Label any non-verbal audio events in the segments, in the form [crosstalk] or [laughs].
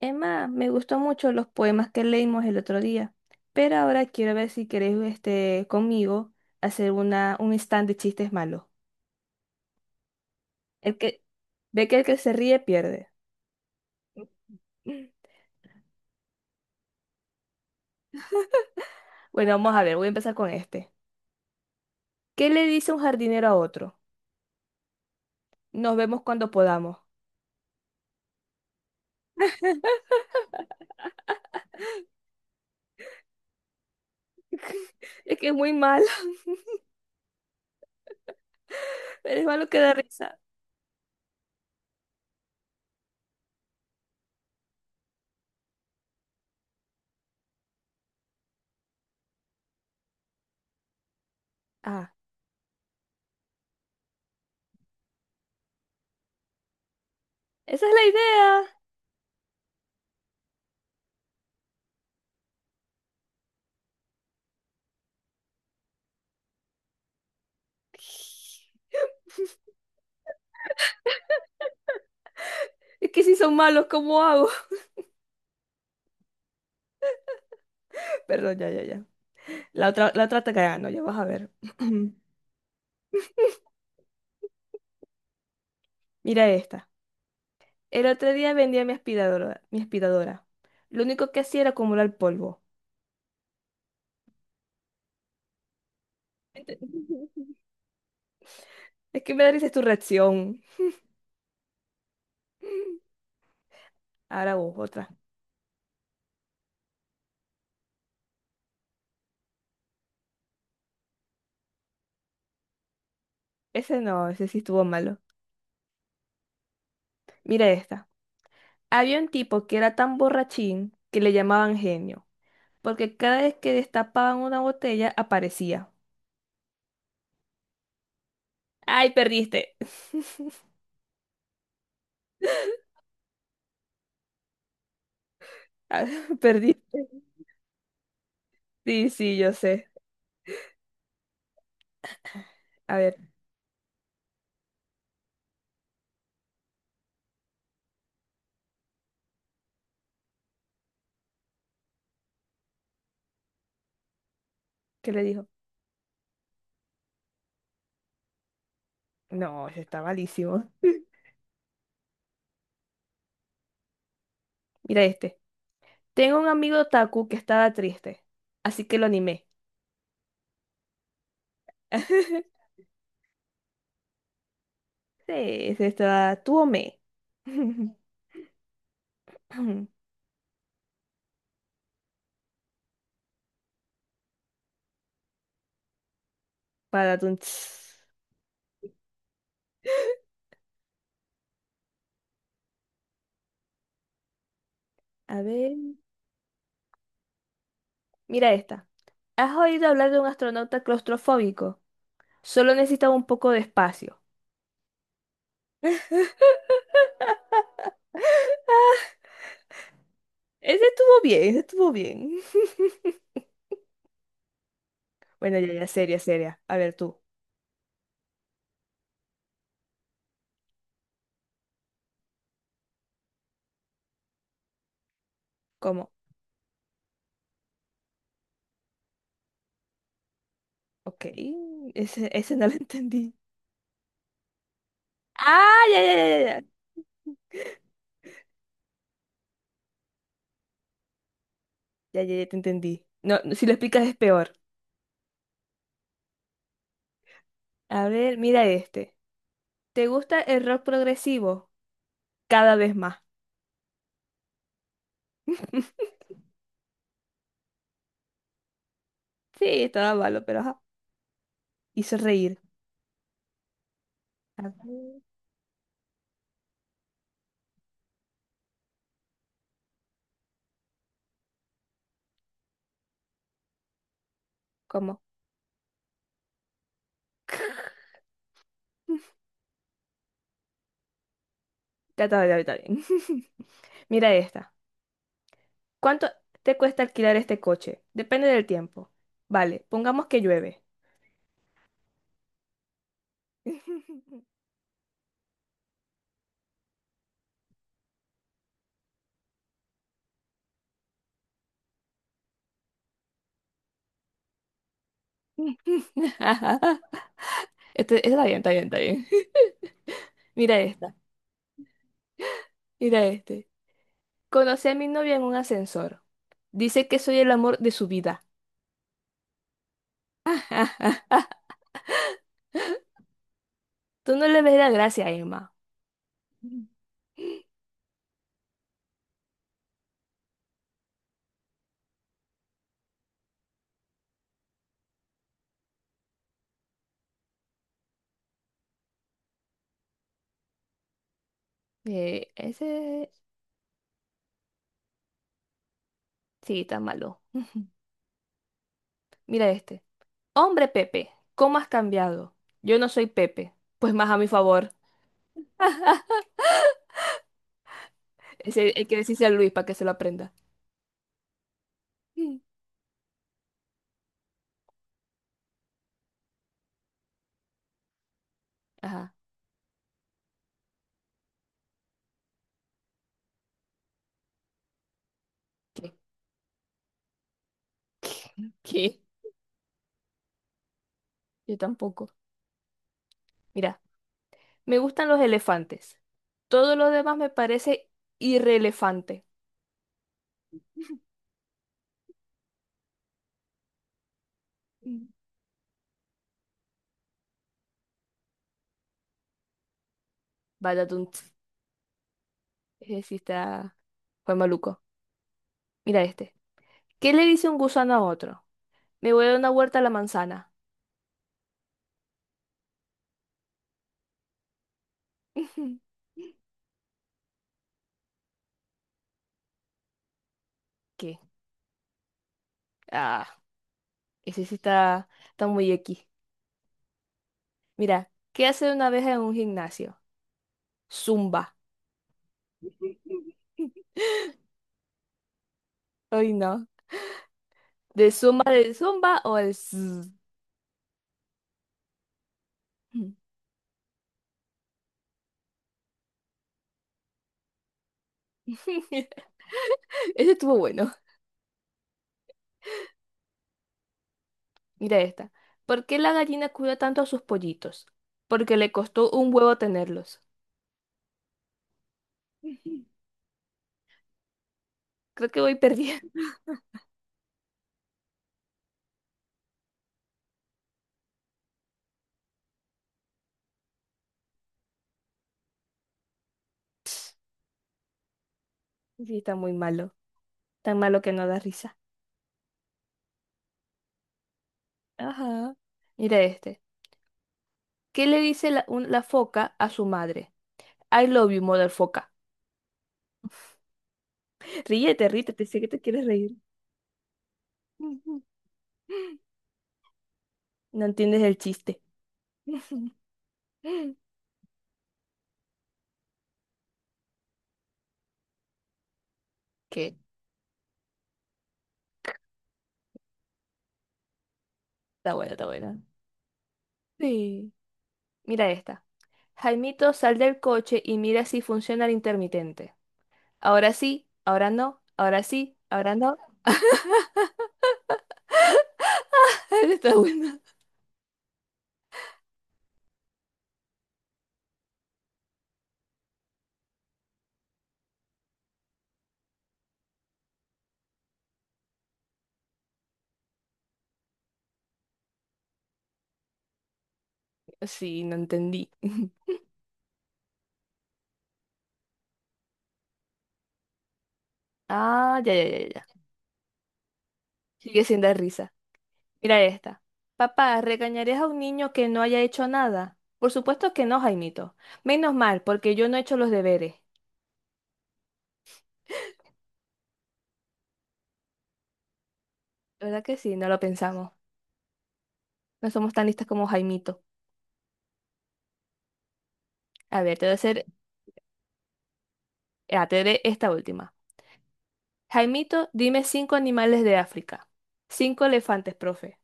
Emma, me gustó mucho los poemas que leímos el otro día, pero ahora quiero ver si querés este, conmigo hacer un stand de chistes malos. El que ve que el que se ríe pierde. [laughs] Bueno, vamos a ver, voy a empezar con este. ¿Qué le dice un jardinero a otro? Nos vemos cuando podamos. [laughs] Es que es muy malo, [laughs] pero es malo que da risa. Ah, esa es la idea. [laughs] Es que si son malos, ¿cómo hago? [laughs] Perdón, ya, ya, ya. La otra te gano, ya vas a ver. [clears throat] Mira esta. El otro día vendía mi aspiradora, mi aspiradora. Lo único que hacía era acumular polvo. Ent- [laughs] Es que me da risa tu reacción. Ahora vos, otra. Ese no, ese sí estuvo malo. Mira esta. Había un tipo que era tan borrachín que le llamaban genio, porque cada vez que destapaban una botella aparecía. ¡Ay, perdiste! [laughs] Ah, perdiste. Sí, sí, yo sé. A ver, ¿qué le dijo? No, ese está malísimo. Mira este. Tengo un amigo Taku que estaba triste, así que lo animé. [laughs] Sí, se está tuome. [laughs] Para tu... A ver, mira esta. ¿Has oído hablar de un astronauta claustrofóbico? Solo necesitaba un poco de espacio. [laughs] Ese estuvo bien, ese estuvo bien. [laughs] Bueno, ya, ya, seria, seria. A ver tú, ¿cómo? Ok, ese no lo [laughs] entendí. Ah, ya, ya, ya, ya, ya, ya, ya, ya te entendí. No, no, si lo explicas es peor. A ver, mira este. ¿Te gusta el rock progresivo? Cada vez más. [laughs] Sí, estaba malo, pero ajá. Hizo reír. A ver, ¿cómo? Trataba de ahorita bien. [laughs] Mira esta. ¿Cuánto te cuesta alquilar este coche? Depende del tiempo. Vale, pongamos que llueve. [laughs] Este, está bien, está bien, está bien. [laughs] Mira esta, mira este. Conocí a mi novia en un ascensor. Dice que soy el amor de su vida. Tú no le ves la gracia, Emma. [laughs] Ese. Sí, está malo. [laughs] Mira este. Hombre Pepe, ¿cómo has cambiado? Yo no soy Pepe, pues más a mi favor. [laughs] Ese hay que decirse a Luis para que se lo aprenda. Mm. Ajá. ¿Qué? [laughs] ¿Qué? Yo tampoco. Mira, me gustan los elefantes. Todo lo demás me parece irrelevante. Mm. Vaya tunt. Ese sí está... Fue maluco. Mira este. ¿Qué le dice un gusano a otro? Me voy a dar una vuelta a la manzana. [laughs] ¿Qué? Ah. Ese sí está muy X. Mira, ¿qué hace una abeja en un gimnasio? Zumba. [laughs] Ay, no. De zumba o el zzz? [laughs] Ese estuvo bueno. Mira esta. ¿Por qué la gallina cuida tanto a sus pollitos? Porque le costó un huevo tenerlos. [laughs] Creo que voy perdiendo. [laughs] Sí, está muy malo. Tan malo que no da risa. Ajá. Mira este. ¿Qué le dice la foca a su madre? I love you, mother foca. Ríete, ríete, te sé que te quieres reír. No entiendes el chiste. [laughs] ¿Qué? Está buena, está buena. Sí. Mira esta. Jaimito, sal del coche y mira si funciona el intermitente. Ahora sí, ahora no, ahora sí, ahora no. [laughs] Está buena. Sí, no entendí. [laughs] Ah, ya, ya, ya, ya. Sigue siendo de risa. Mira esta. Papá, ¿regañarías a un niño que no haya hecho nada? Por supuesto que no, Jaimito. Menos mal, porque yo no he hecho los deberes. ¿Verdad que sí? No lo pensamos. No somos tan listas como Jaimito. A ver, te voy a hacer, ah, te haré esta última. Jaimito, dime cinco animales de África. Cinco elefantes, profe.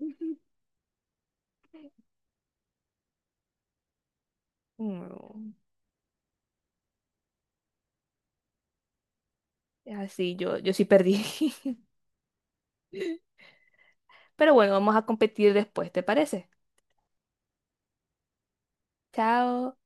[laughs] Mm, así, yo sí perdí. [laughs] Pero bueno, vamos a competir después, ¿te parece? Chao.